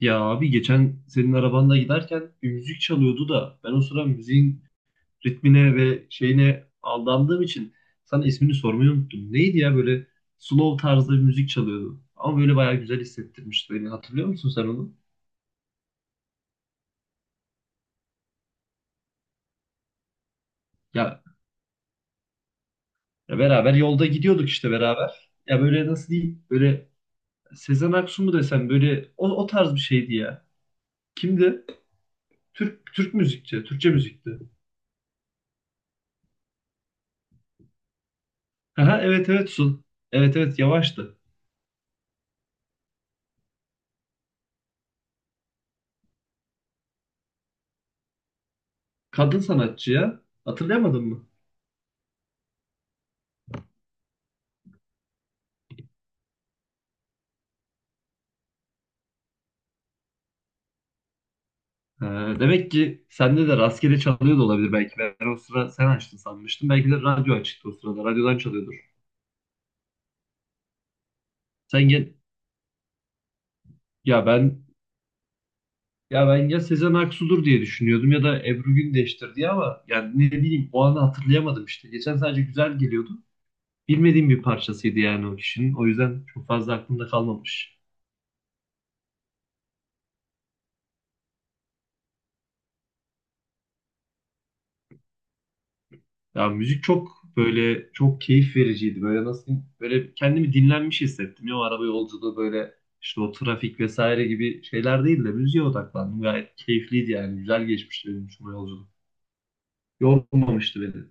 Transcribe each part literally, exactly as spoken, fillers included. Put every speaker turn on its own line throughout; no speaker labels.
Ya abi geçen senin arabanda giderken bir müzik çalıyordu da ben o sıra müziğin ritmine ve şeyine aldandığım için sana ismini sormayı unuttum. Neydi ya böyle slow tarzda bir müzik çalıyordu. Ama böyle bayağı güzel hissettirmişti beni. Hatırlıyor musun sen onu? Ya, ya beraber yolda gidiyorduk işte beraber. Ya böyle nasıl diyeyim? Böyle Sezen Aksu mu desem böyle o, o tarz bir şeydi ya. Kimdi? Türk Türk müzikçi, Türkçe müzikti. Aha, evet evet Sun. Evet evet yavaştı. Kadın sanatçıya hatırlayamadın mı? Ha, demek ki sende de rastgele çalıyor da olabilir belki. Ben o sıra sen açtın sanmıştım. Belki de radyo açıktı o sırada. Radyodan çalıyordur. Sen gel, ya ben ya ben ya Sezen Aksu'dur diye düşünüyordum ya da Ebru Gündeş'tir diye ama yani ne bileyim o anı hatırlayamadım işte. Geçen sadece güzel geliyordu. Bilmediğim bir parçasıydı yani o kişinin. O yüzden çok fazla aklımda kalmamış. Ya müzik çok böyle çok keyif vericiydi. Böyle nasıl diyeyim, böyle kendimi dinlenmiş hissettim. Ya o araba yolculuğu böyle işte o trafik vesaire gibi şeyler değil de müziğe odaklandım. Gayet keyifliydi yani. Güzel geçmişti benim için o yolculuk. Yormamıştı beni.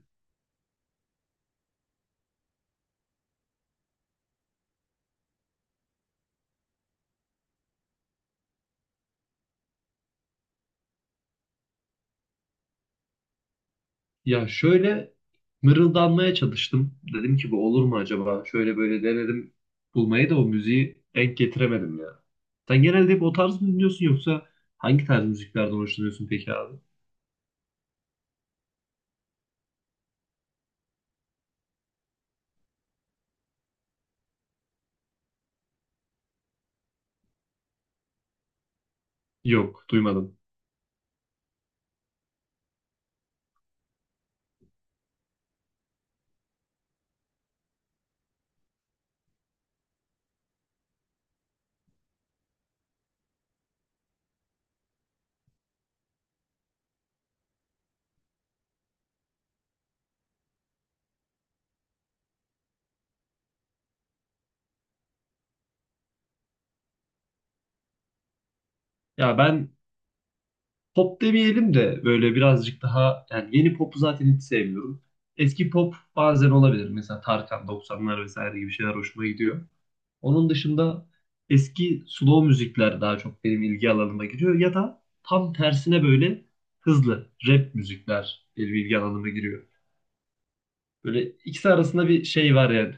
Ya şöyle mırıldanmaya çalıştım. Dedim ki bu olur mu acaba? Şöyle böyle denedim bulmayı da o müziği denk getiremedim ya. Sen genelde hep o tarz mı dinliyorsun yoksa hangi tarz müziklerden hoşlanıyorsun peki abi? Yok, duymadım. Ya ben pop demeyelim de böyle birazcık daha yani yeni popu zaten hiç sevmiyorum. Eski pop bazen olabilir. Mesela Tarkan doksanlar vesaire gibi şeyler hoşuma gidiyor. Onun dışında eski slow müzikler daha çok benim ilgi alanıma giriyor ya da tam tersine böyle hızlı rap müzikler benim ilgi alanıma giriyor. Böyle ikisi arasında bir şey var yani.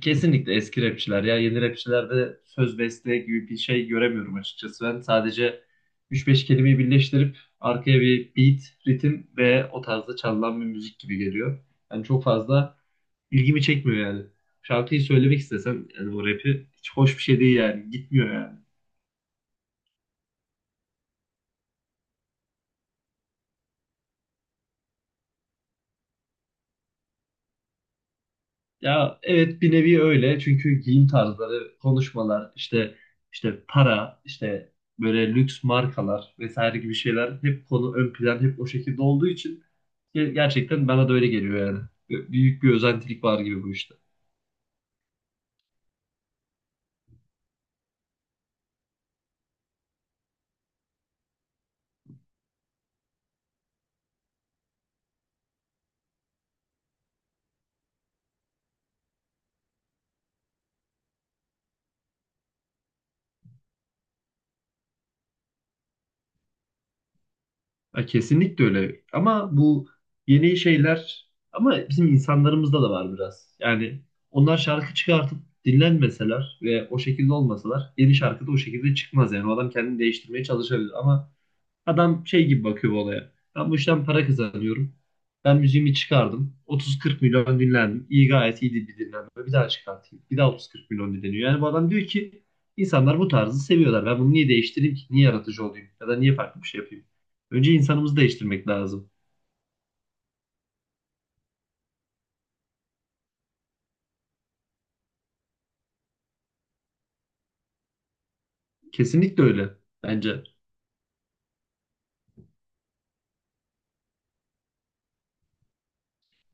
Kesinlikle eski rapçiler ya yeni rapçilerde söz beste gibi bir şey göremiyorum açıkçası ben. Sadece üç beş kelimeyi birleştirip arkaya bir beat, ritim ve o tarzda çalınan bir müzik gibi geliyor. Yani çok fazla ilgimi çekmiyor yani. Şarkıyı söylemek istesem yani bu rapi hiç hoş bir şey değil yani gitmiyor yani. Ya evet bir nevi öyle çünkü giyim tarzları, konuşmalar, işte işte para, işte böyle lüks markalar vesaire gibi şeyler hep konu ön plan hep o şekilde olduğu için ge- gerçekten bana da öyle geliyor yani. Bö- Büyük bir özentilik var gibi bu işte. Ya kesinlikle öyle. Ama bu yeni şeyler ama bizim insanlarımızda da var biraz. Yani onlar şarkı çıkartıp dinlenmeseler ve o şekilde olmasalar yeni şarkı da o şekilde çıkmaz. Yani o adam kendini değiştirmeye çalışabilir ama adam şey gibi bakıyor bu olaya. Ben bu işten para kazanıyorum. Ben müziğimi çıkardım. otuz kırk milyon dinlendim. İyi gayet iyiydi bir dinlenme. Bir daha çıkartayım. Bir daha otuz kırk milyon dinleniyor. Yani bu adam diyor ki insanlar bu tarzı seviyorlar. Ben bunu niye değiştireyim ki? Niye yaratıcı olayım? Ya da niye farklı bir şey yapayım? Önce insanımızı değiştirmek lazım. Kesinlikle öyle bence.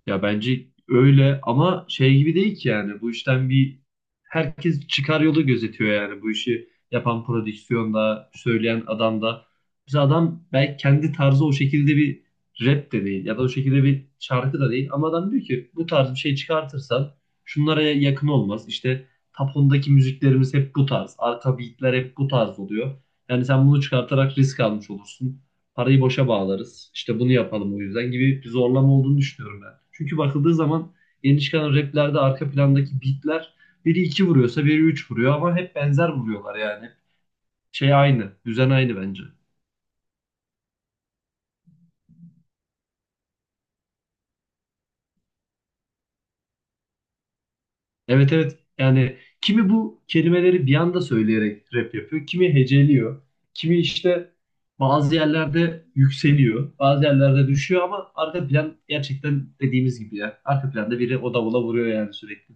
Ya bence öyle ama şey gibi değil ki yani bu işten bir herkes çıkar yolu gözetiyor yani bu işi yapan prodüksiyonda söyleyen adam da. Mesela adam belki kendi tarzı o şekilde bir rap de değil ya da o şekilde bir şarkı da değil ama adam diyor ki bu tarz bir şey çıkartırsan şunlara yakın olmaz. İşte top ondaki müziklerimiz hep bu tarz. Arka beatler hep bu tarz oluyor. Yani sen bunu çıkartarak risk almış olursun. Parayı boşa bağlarız. İşte bunu yapalım o yüzden gibi bir zorlama olduğunu düşünüyorum ben. Çünkü bakıldığı zaman yeni çıkan raplerde arka plandaki beatler biri iki vuruyorsa biri üç vuruyor ama hep benzer vuruyorlar yani. Şey aynı, düzen aynı bence. Evet evet yani kimi bu kelimeleri bir anda söyleyerek rap yapıyor, kimi heceliyor, kimi işte bazı yerlerde yükseliyor, bazı yerlerde düşüyor ama arka plan gerçekten dediğimiz gibi ya. Arka planda biri o davula vuruyor yani sürekli.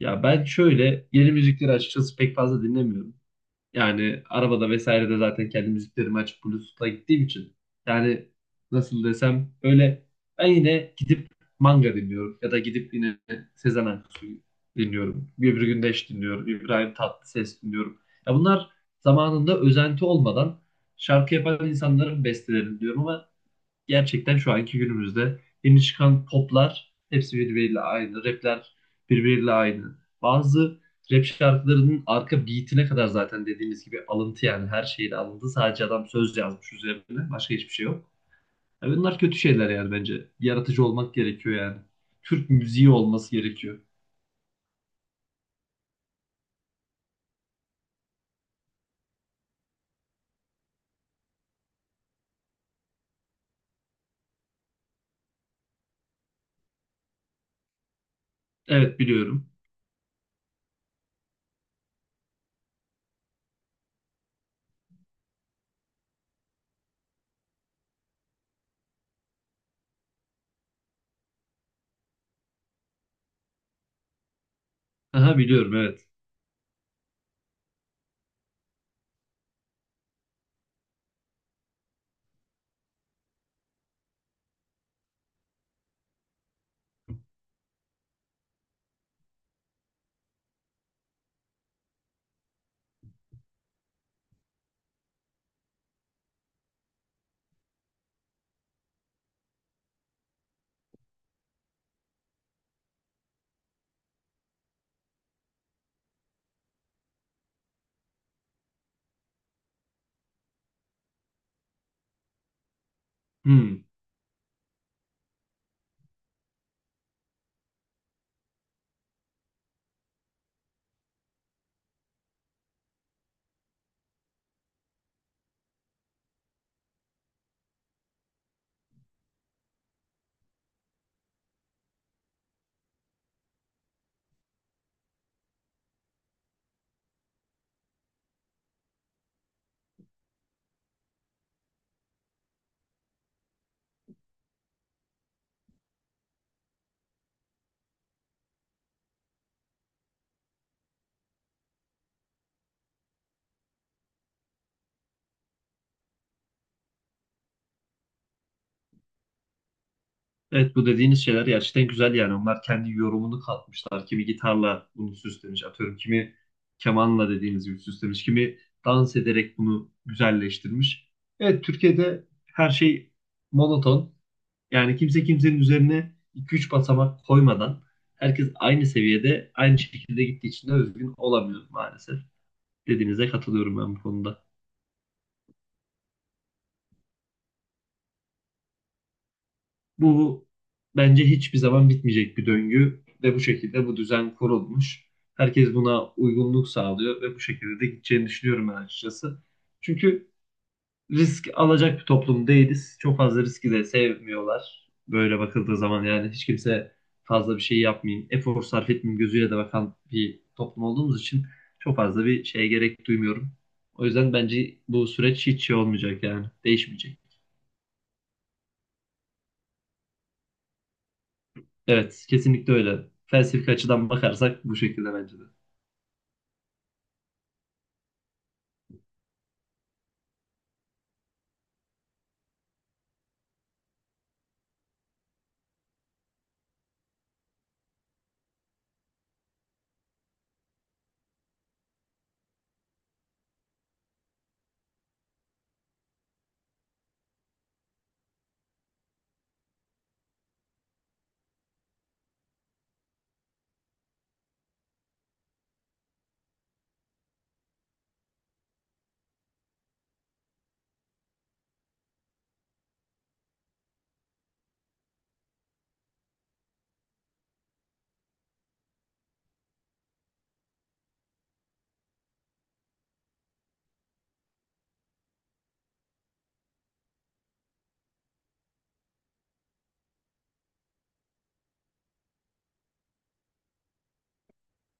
Ya ben şöyle yeni müzikleri açıkçası pek fazla dinlemiyorum. Yani arabada vesaire de zaten kendi müziklerimi açıp Bluetooth'la gittiğim için. Yani nasıl desem böyle ben yine gidip manga dinliyorum ya da gidip yine Sezen Aksu'yu dinliyorum. Gübür Gündeş dinliyorum. İbrahim Tatlıses dinliyorum. Ya bunlar zamanında özenti olmadan şarkı yapan insanların bestelerini diyorum ama gerçekten şu anki günümüzde yeni çıkan poplar hepsi birbiriyle aynı. Rapler birbiriyle aynı. Bazı rap şarkılarının arka beatine kadar zaten dediğiniz gibi alıntı yani her şeyin alındı. Sadece adam söz yazmış üzerine. Başka hiçbir şey yok. Ya bunlar kötü şeyler yani bence. Yaratıcı olmak gerekiyor yani. Türk müziği olması gerekiyor. Evet biliyorum. Aha biliyorum evet. Hmm. Evet bu dediğiniz şeyler gerçekten güzel yani. Onlar kendi yorumunu katmışlar. Kimi gitarla bunu süslemiş. Atıyorum kimi kemanla dediğiniz gibi süslemiş. Kimi dans ederek bunu güzelleştirmiş. Evet Türkiye'de her şey monoton. Yani kimse kimsenin üzerine iki üç basamak koymadan herkes aynı seviyede aynı şekilde gittiği için de özgün olamıyor maalesef. Dediğinize katılıyorum ben bu konuda. Bu bence hiçbir zaman bitmeyecek bir döngü ve bu şekilde bu düzen kurulmuş. Herkes buna uygunluk sağlıyor ve bu şekilde de gideceğini düşünüyorum ben açıkçası. Çünkü risk alacak bir toplum değiliz. Çok fazla riski de sevmiyorlar. Böyle bakıldığı zaman yani hiç kimse fazla bir şey yapmayayım, efor sarf etmeyeyim gözüyle de bakan bir toplum olduğumuz için çok fazla bir şeye gerek duymuyorum. O yüzden bence bu süreç hiç şey olmayacak yani değişmeyecek. Evet, kesinlikle öyle. Felsefi açıdan bakarsak bu şekilde bence de.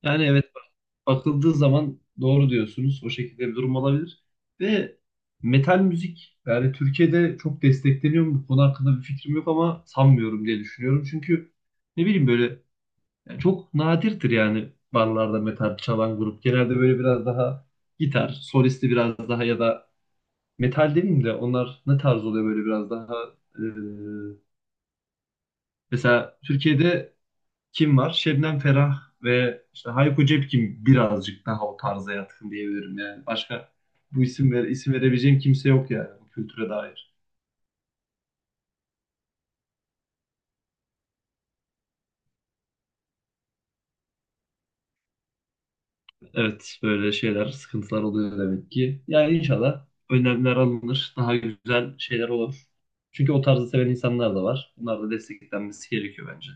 Yani evet, bakıldığı zaman doğru diyorsunuz. O şekilde bir durum olabilir. Ve metal müzik yani Türkiye'de çok destekleniyor mu? Bu konu hakkında bir fikrim yok ama sanmıyorum diye düşünüyorum. Çünkü ne bileyim böyle yani çok nadirdir yani barlarda metal çalan grup. Genelde böyle biraz daha gitar, solisti biraz daha ya da metal demeyeyim de onlar ne tarz oluyor böyle biraz daha eee, mesela Türkiye'de kim var? Şebnem Ferah ve işte Hayko Cepkin birazcık daha o tarza yatkın diyebilirim yani. Başka bu isim ver, isim verebileceğim kimse yok yani bu kültüre dair. Evet böyle şeyler, sıkıntılar oluyor demek ki. Yani inşallah önlemler alınır, daha güzel şeyler olur. Çünkü o tarzı seven insanlar da var. Bunlar da desteklenmesi gerekiyor bence.